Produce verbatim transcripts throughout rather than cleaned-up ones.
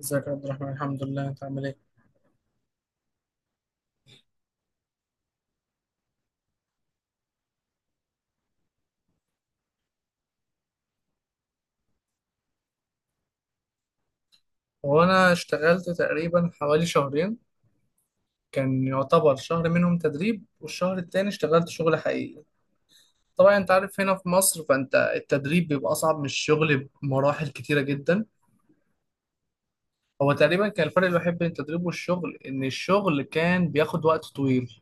ازيك يا عبد الرحمن، الحمد لله، انت عامل ايه؟ هو انا اشتغلت تقريبا حوالي شهرين. كان يعتبر شهر منهم تدريب والشهر التاني اشتغلت شغل حقيقي. طبعا انت عارف هنا في مصر فانت التدريب بيبقى اصعب من الشغل بمراحل كتيرة جدا. هو تقريبا كان الفرق الوحيد بين التدريب والشغل ان الشغل كان بياخد وقت طويل.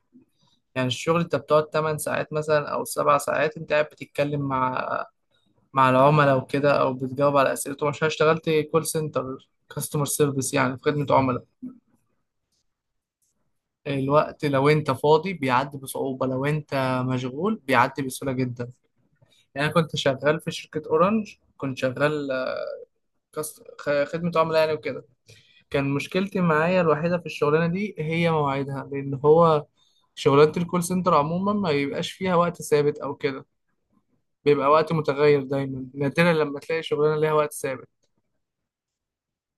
يعني الشغل انت بتقعد 8 ساعات مثلا او 7 ساعات انت قاعد بتتكلم مع مع العملاء وكده، او بتجاوب على اسئلتهم عشان اشتغلت كول سنتر، كاستمر سيرفيس، يعني في خدمة عملاء. الوقت لو انت فاضي بيعدي بصعوبة، لو انت مشغول بيعدي بسهولة جدا. يعني انا كنت شغال في شركة اورنج، كنت شغال آه، كاست- خ- خدمة عملاء يعني وكده. كان مشكلتي معايا الوحيدة في الشغلانة دي هي مواعيدها، لان هو شغلانة الكول سنتر عموما ما بيبقاش فيها وقت ثابت او كده، بيبقى وقت متغير دايما، نادرا لما تلاقي شغلانة ليها وقت ثابت.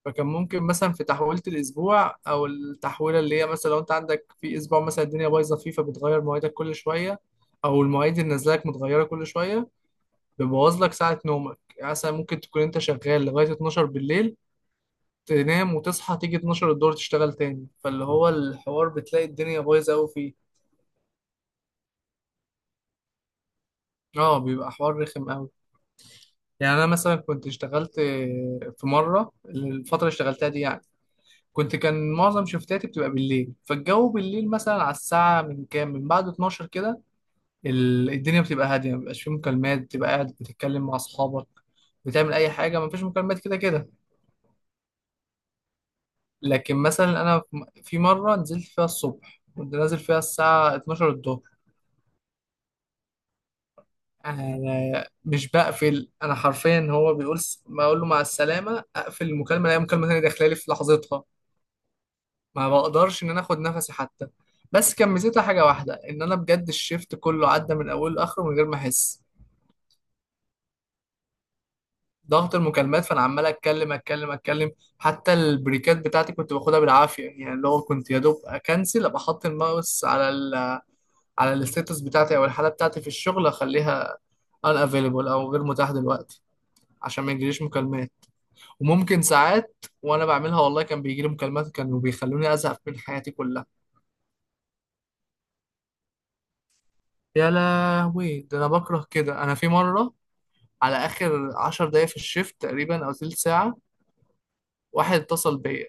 فكان ممكن مثلا في تحويلة الأسبوع أو التحويلة اللي هي مثلا لو أنت عندك في أسبوع مثلا الدنيا بايظة فيه، فبتغير مواعيدك كل شوية، أو المواعيد اللي نازلك متغيرة كل شوية. بيبوظ لك ساعة نومك، يعني مثلا ممكن تكون أنت شغال لغاية اتناشر بالليل، تنام وتصحى تيجي اتناشر الدور تشتغل تاني، فاللي هو الحوار بتلاقي الدنيا بايظة أوي فيه. اه بيبقى حوار رخم أوي. يعني أنا مثلا كنت اشتغلت في مرة، الفترة اللي اشتغلتها دي يعني، كنت كان معظم شفتاتي بتبقى بالليل، فالجو بالليل مثلا على الساعة من كام من بعد اتناشر كده، ال- الدنيا بتبقى هادية، مبيبقاش فيه مكالمات، بتبقى قاعد بتتكلم مع أصحابك، بتعمل أي حاجة، مفيش مكالمات كده كده. لكن مثلا أنا في م- في مرة نزلت فيها الصبح، كنت نازل فيها الساعة اتناشر الظهر. أنا مش بقفل، أنا حرفيا هو بيقول س- ما أقول له مع السلامة أقفل المكالمة ألاقي مكالمة تانية داخلة لي في لحظتها. ما بقدرش ان انا اخد نفسي حتى. بس كان ميزتها حاجه واحده، ان انا بجد الشيفت كله عدى من اوله لاخره من غير ما احس ضغط المكالمات، فانا عمال اتكلم اتكلم اتكلم. حتى البريكات بتاعتي كنت باخدها بالعافيه، يعني اللي هو كنت يا دوب اكنسل ابقى احط الماوس على ال، على الستاتس بتاعتي او الحاله بتاعتي في الشغل، اخليها ان افيلبل او غير متاح دلوقتي عشان ما يجيليش مكالمات. وممكن ساعات وانا بعملها والله كان بيجيلي مكالمات كانوا بيخلوني ازهق من حياتي كلها. يا لهوي، ده انا بكره كده. انا في مره على اخر عشر دقايق في الشيفت تقريبا او تلت ساعه، واحد اتصل بيا،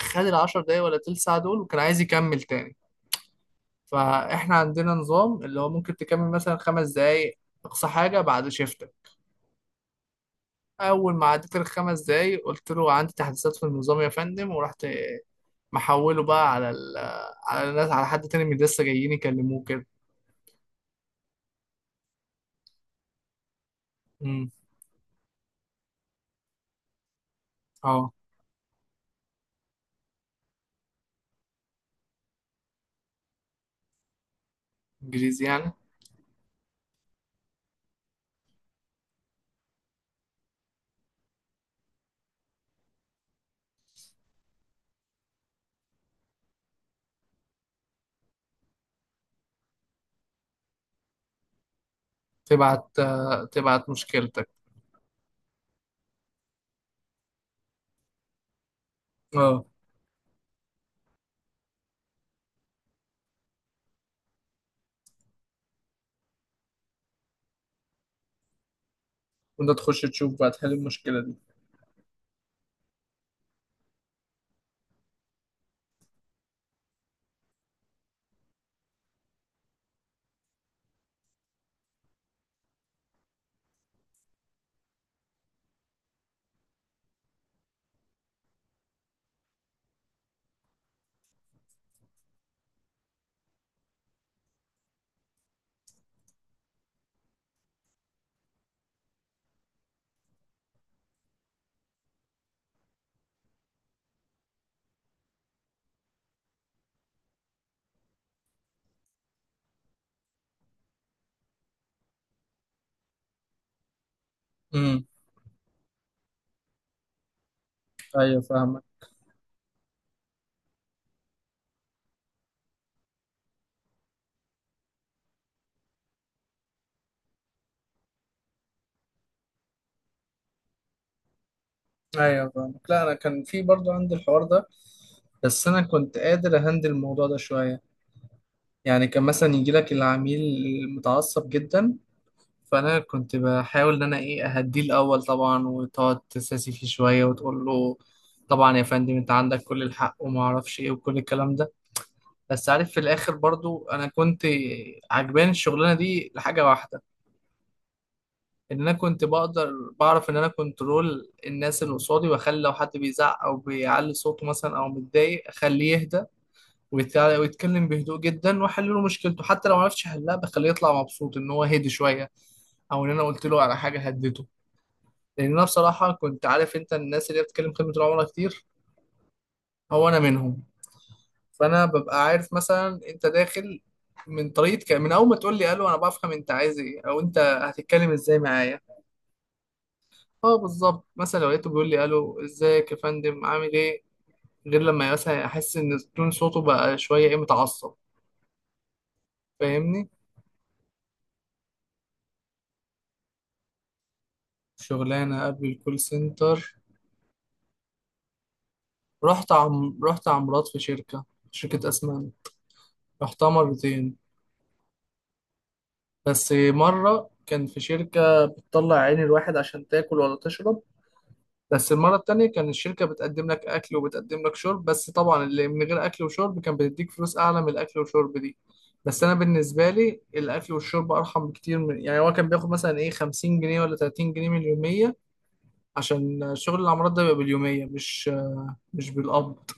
خد العشر دقايق ولا تلت ساعه دول، وكان عايز يكمل تاني. فاحنا عندنا نظام اللي هو ممكن تكمل مثلا خمس دقايق اقصى حاجه بعد شيفتك. اول ما عديت الخمس دقايق قلت له عندي تحديثات في النظام يا فندم، ورحت محوله بقى على ال، على الناس، على حد تاني من لسه جايين يكلموه كده. امم. اه، انجليزي يعني. تبعت آه، تبعت مشكلتك، اه. وانت تخش تشوف بقى تحل المشكله دي. امم. ايوه فاهمك. ايوه فاهمك، لا انا كان في برضو عندي الحوار ده، بس انا كنت قادر اهندل الموضوع ده شويه. يعني كان مثلا يجي لك العميل المتعصب جدا، فانا كنت بحاول ان انا ايه اهديه الاول طبعا، وتقعد تساسي فيه شويه وتقول له طبعا يا فندم انت عندك كل الحق وما اعرفش ايه وكل الكلام ده. بس عارف في الاخر برضو انا كنت عجباني الشغلانه دي لحاجه واحده، ان انا كنت بقدر بعرف ان انا كنترول الناس اللي قصادي، واخلي لو حد بيزعق او بيعلي صوته مثلا او متضايق اخليه يهدى ويتع- ويتكلم بهدوء جدا، واحل له مشكلته، حتى لو ما عرفتش احلها بخليه يطلع مبسوط ان هو هدي شويه، او ان انا قلت له على حاجه هدته. لان انا بصراحه كنت عارف انت الناس اللي هي بتتكلم كلمه العملاء كتير، هو انا منهم. فانا ببقى عارف مثلا انت داخل من طريقه ك- من اول ما تقول لي الو انا بفهم انت عايز ايه او انت هتتكلم ازاي معايا. اه بالظبط، مثلا لو لقيته بيقول لي الو، ازيك يا فندم عامل ايه، غير لما مثلا احس ان تون صوته بقى شويه ايه، متعصب. فاهمني؟ شغلانه قبل الكول سنتر؟ رحت عم رحت عمارات في شركه شركه اسمنت، رحتها مرتين. بس مره كان في شركه بتطلع عين الواحد عشان تاكل ولا تشرب. بس المرة التانية كان الشركة بتقدم لك أكل وبتقدم لك شرب، بس طبعا اللي من غير أكل وشرب كان بتديك فلوس أعلى من الأكل والشرب دي. بس أنا بالنسبة لي الأكل والشرب أرحم بكتير، من يعني هو كان بياخد مثلا إيه خمسين جنيه ولا تلاتين جنيه من اليومية، عشان شغل العمارات ده بيبقى باليومية مش مش بالقبض.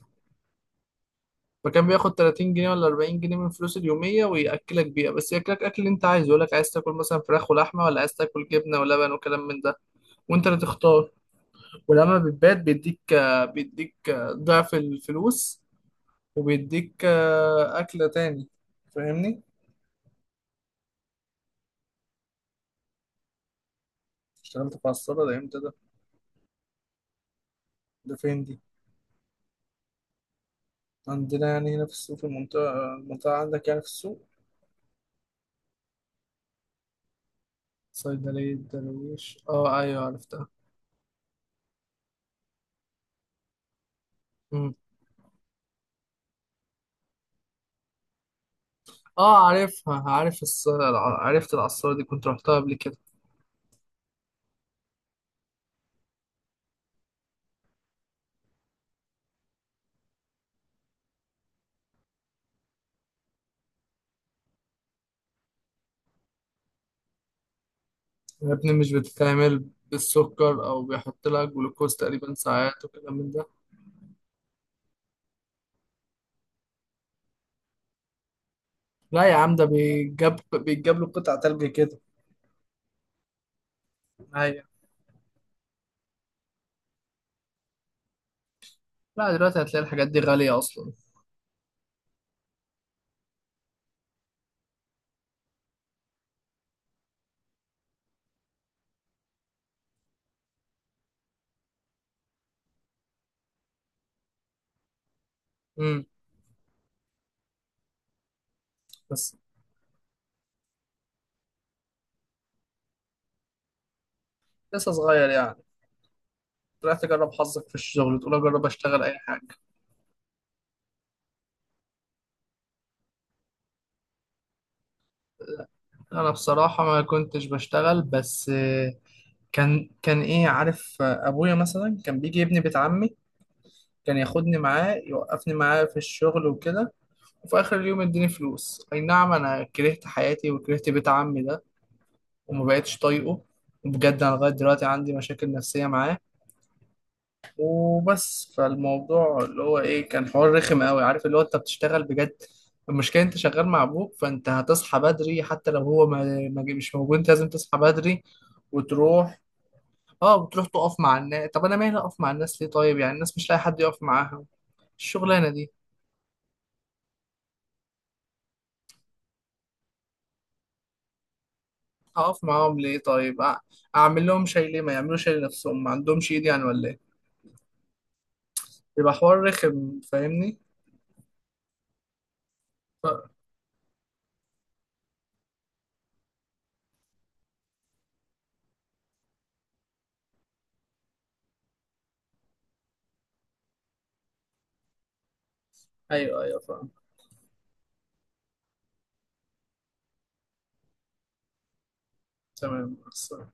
فكان بياخد تلاتين جنيه ولا اربعين جنيه من فلوس اليومية ويأكلك بيها، بس يأكلك أكل اللي أنت عايزه، يقولك عايز تاكل مثلا فراخ ولحمة ولا عايز تاكل جبنة ولبن وكلام من ده. وأنت اللي تختار. ولما بتبات بيديك بيديك ضعف الفلوس، وبيديك أكلة تاني. فاهمني؟ اشتغلت في الصالة ده امتى ده؟ ده فين دي؟ عندنا يعني هنا في السوق، في المنطقة المنطقة عندك يعني في السوق. صيدلية درويش، اه ايوه عرفتها. مم. اه عارفها، عارف الص... الع- عرفت العصارة دي، كنت رحتها قبل كده. يا ابني مش بتتعمل بالسكر او بيحط لك جلوكوز تقريبا ساعات وكلام من ده. لا يا عم، ده بيتجاب بيتجاب له قطع تلج كده. ايوه. لا دلوقتي هتلاقي الحاجات دي غالية أصلا. امم. بس لسه صغير يعني، طلعت أجرب حظك في الشغل، تقول أجرب أشتغل أي حاجة. أنا بصراحة ما كنتش بشتغل، بس آه، كان كان إيه عارف، آه، أبويا مثلا كان بيجي ابني بيت عمي، كان ياخدني معاه يوقفني معاه في الشغل وكده. وفي آخر اليوم يديني فلوس، أي نعم. أنا كرهت حياتي وكرهت بيت عمي ده، وما بقتش طايقه. وبجد أنا لغاية دلوقتي عندي مشاكل نفسية معاه. وبس. فالموضوع اللي هو ايه كان حوار رخم قوي، عارف اللي هو انت بتشتغل بجد. المشكله انت شغال مع ابوك فانت هتصحى بدري، حتى لو هو ما ما جه- مش موجود، انت لازم تصحى بدري وتروح. اه بتروح تقف مع الناس، طب انا مالي اقف مع الناس ليه؟ طيب يعني الناس مش لاقي حد يقف معاها؟ الشغلانه دي، اقف معاهم ليه؟ طيب أع- اعمل لهم شيء ليه؟ ما يعملوش شيء لنفسهم، ما عندهمش ايد يعني ولا ايه؟ يبقى حوار رخم فاهمني. ف... ايوه ايوه فاهم. تمام.